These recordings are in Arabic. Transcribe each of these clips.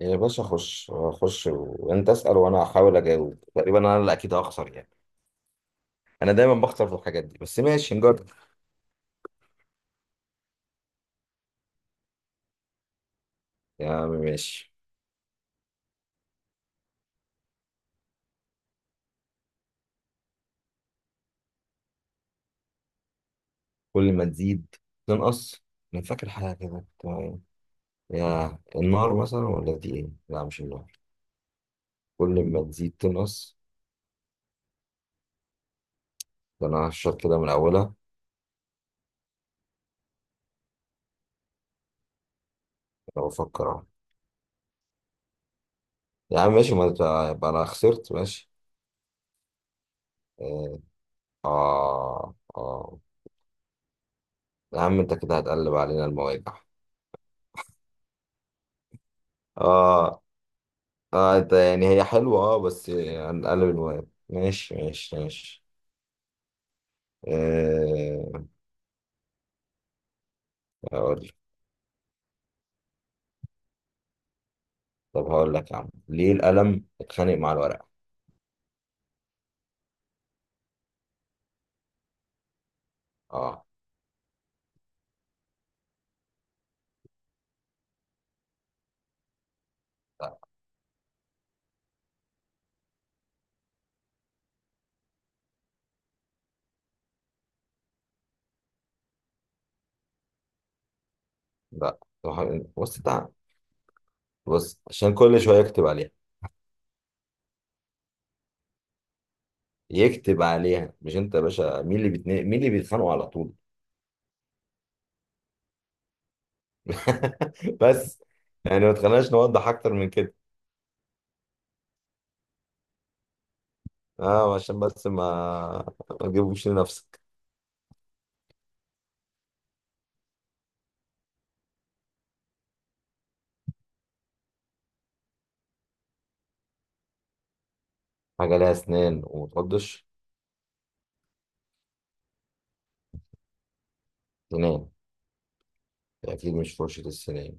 يا باشا خش خش وانت اسأل وانا هحاول اجاوب. تقريبا انا اللي اكيد هخسر يعني، انا دايما بخسر في الحاجات دي، بس ماشي نجرب. يا عم ماشي. كل ما تزيد تنقص، انا فاكر حاجة كده. تمام. يا النار مثلا، ولا دي ايه؟ لا مش النار. كل ما تزيد تنقص، ده انا هشرب كده من اولها. انا بفكر اهو. يا عم ماشي، ما تبقى- يبقى انا خسرت ماشي. اه، اه، آه. يا عم انت كده هتقلب علينا المواجع. اه، اه، ده يعني هي حلوة، اه بس هنقلب، المهم ماشي ماشي ماشي. أه، هقول لك. طب هقول لك يا عم، ليه القلم اتخانق مع الورقة؟ اه. لا، بص تعال، بص، عشان كل شوية يكتب عليها يكتب عليها. مش انت يا باشا، مين اللي بيتخانقوا على طول؟ بس يعني ما تخليناش نوضح اكتر من كده. اه عشان بس ما، ما تجيبوش لنفسك. حاجة لها اسنان وما تقضش؟ سنان، اكيد مش فرشة السنان،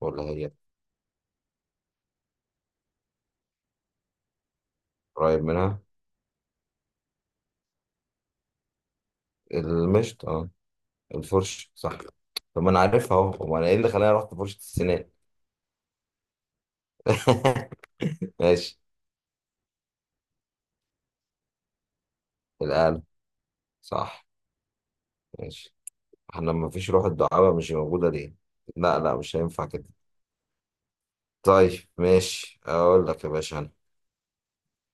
ولا هي؟ قريب منها. المشط؟ اه، الفرش صح. طب ما انا عارفها اهو، امال انا ايه اللي خلاني رحت فرشة السنان؟ ماشي. الآلة. صح. ماشي. احنا ما فيش روح الدعابة، مش موجودة ليه؟ لا لا، مش هينفع كده. طيب ماشي اقول لك يا باشا انا.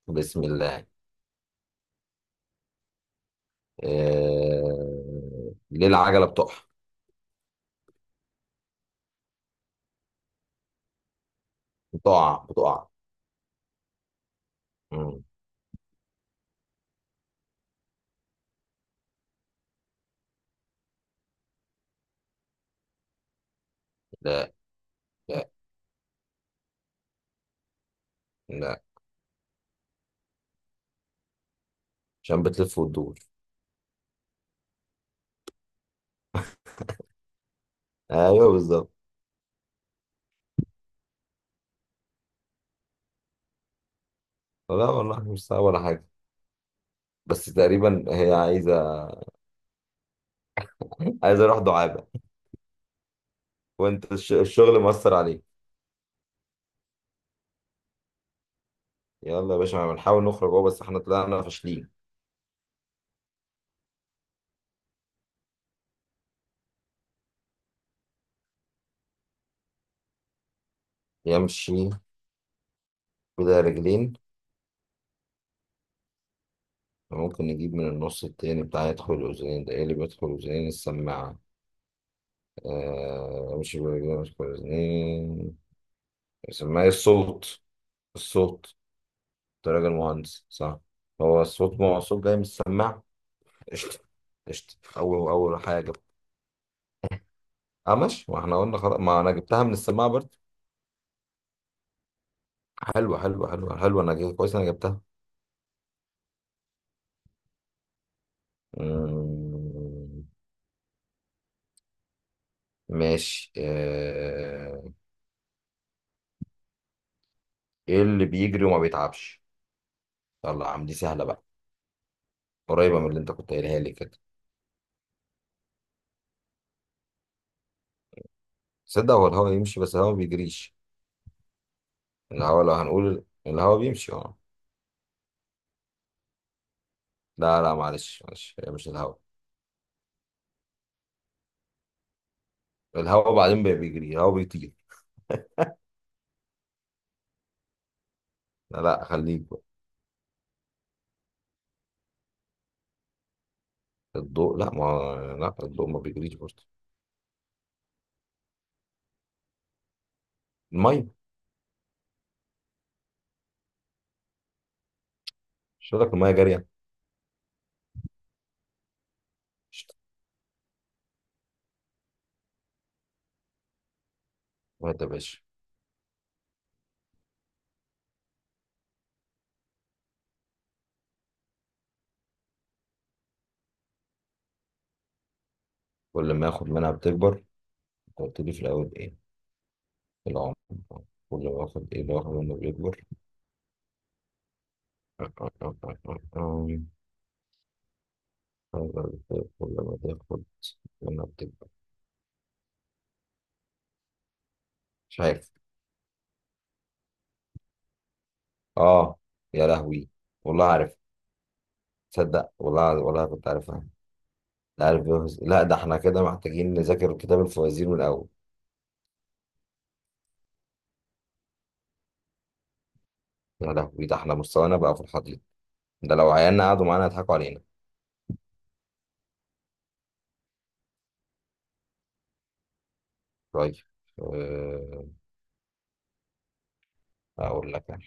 بسم الله. ليه العجلة بتقع؟ بتقع بتقع. مم. لا، لا، لا، عشان بتلف وتدور. ايوه بالظبط. لا والله مش صعب ولا حاجة، بس تقريبا هي عايزة، عايز اروح دعابه. وانت الشغل مؤثر عليك. يلا يا باشا، ما بنحاول نخرج اهو، بس احنا طلعنا فاشلين. يمشي بلا رجلين. ممكن نجيب من النص التاني بتاع يدخل الاذنين. ده ايه اللي بيدخل الاذنين؟ السماعه. آه مش بلا رجلين، مش بلا اذنين. السماعه، إيه؟ الصوت. الصوت. انت راجل مهندس، صح؟ هو الصوت، ما هو الصوت جاي من السماعه. قشطه. قشطه، اول اول حاجه. اه ماشي، واحنا قلنا خلاص ما انا جبتها من السماعه برضه. حلوه حلوه حلوه حلوه، انا جاي كويس، انا جبتها. مم، ماشي. ايه اللي بيجري وما بيتعبش؟ يلا يا عم دي سهله بقى، قريبه من اللي انت كنت قايلها لي كده. تصدق هو الهوا يمشي بس الهوا ما بيجريش. الهوا، لو هنقول الهوا بيمشي، اه لا لا، معلش معلش، هي مش الهوا. الهوا بعدين بيجري، الهوا بيطير. لا لا خليك بقى. الضوء، لا ما، لا الضوء ما بيجريش برضه. الميه. مش قلت لك الميه جاريه. شت، وهات يا باشا. كل ما اخد منها بتكبر. انت قلت لي في الاول ايه؟ العمر. كل ما اخد، ايه اللي واخد منه بيكبر؟ ولا بتاكل لما تاخد، لما بتبقى؟ مش عارف. اه. يا لهوي، والله عارف. تصدق والله والله كنت عارفها. لا عارف لا ده احنا كده محتاجين نذاكر كتاب الفوازير من الاول. يا لهوي ده احنا مستوانا بقى في الحضيض. ده لو عيالنا قعدوا معانا يضحكوا علينا. طيب. آه، اقول لك انا.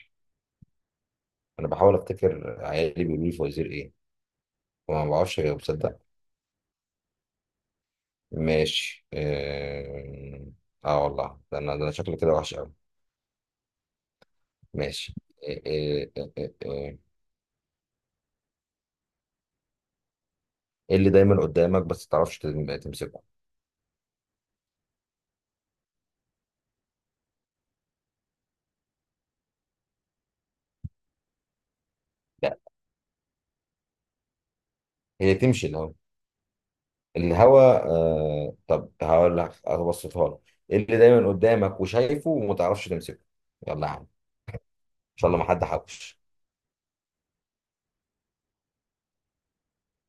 انا بحاول افتكر عيالي بيقولوا لي فوازير ايه وما بعرفش اجاوب تصدق. ماشي اه. والله ده انا، ده انا شكلي كده وحش قوي. ماشي. إيه إيه إيه إيه إيه. إيه اللي دايما قدامك بس تعرفش تمسكه؟ لا، هي تمشي الهوا؟ الهوا؟ آه طب هقول لك ابسطها لك. إيه اللي دايما قدامك وشايفه وما تعرفش تمسكه؟ يلا يا عم ان شاء الله ما حد حوش.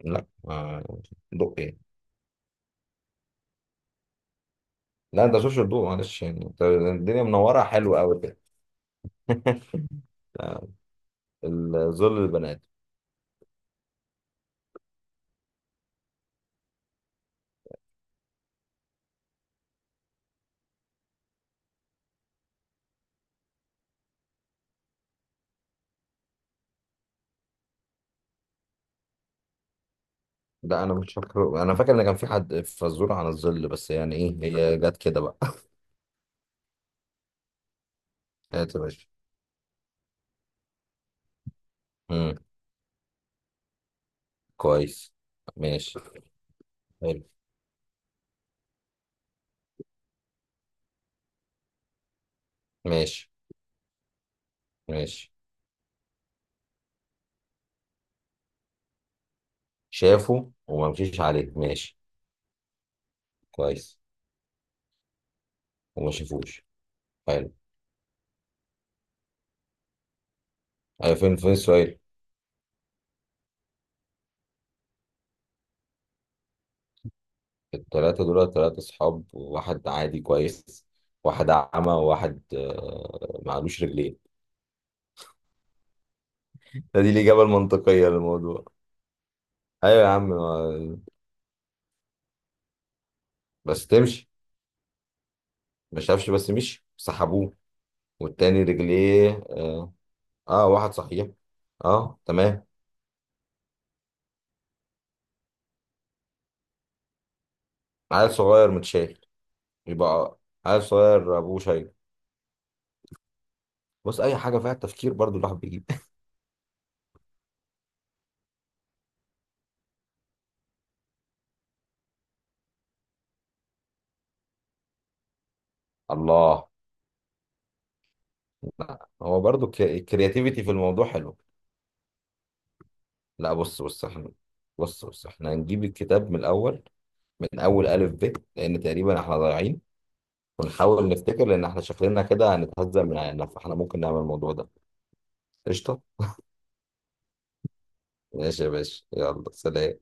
لا، ضوء ايه؟ لا انت مش الضوء، معلش يعني أنت الدنيا منوره حلوه قوي كده. آه، الظل، البنات. لا انا مش فاكر، انا فاكر ان كان في حد فزوره عن الظل بس يعني ايه هي جت كده بقى. هات يا باشا. كويس. ماشي. حلو. ماشي. ماشي. شافه وما مشيش عليه ماشي. كويس. وما شافوش. حلو. أيوة فين فين السؤال؟ التلاتة دول تلاتة صحاب، واحد عادي كويس، واحد أعمى، وواحد معلوش رجلين. ده دي الإجابة المنطقية للموضوع. أيوة يا عم آه، بس تمشي، ما شافش بس مشي سحبوه. والتاني رجليه اه. واحد صحيح. اه تمام. عيل صغير متشايل. يبقى عيل صغير أبوه شايل. بص اي حاجه فيها التفكير برضو الواحد بيجيب. الله. لا هو برضو الكرياتيفيتي في الموضوع حلو. لا بص بص احنا، بص بص احنا هنجيب الكتاب من الاول، من اول الف ب، لان تقريبا احنا ضايعين. ونحاول نفتكر، لان احنا شكلنا كده هنتهزق من عيننا، فاحنا ممكن نعمل الموضوع ده. قشطه. ماشي يا باشا، يلا سلام.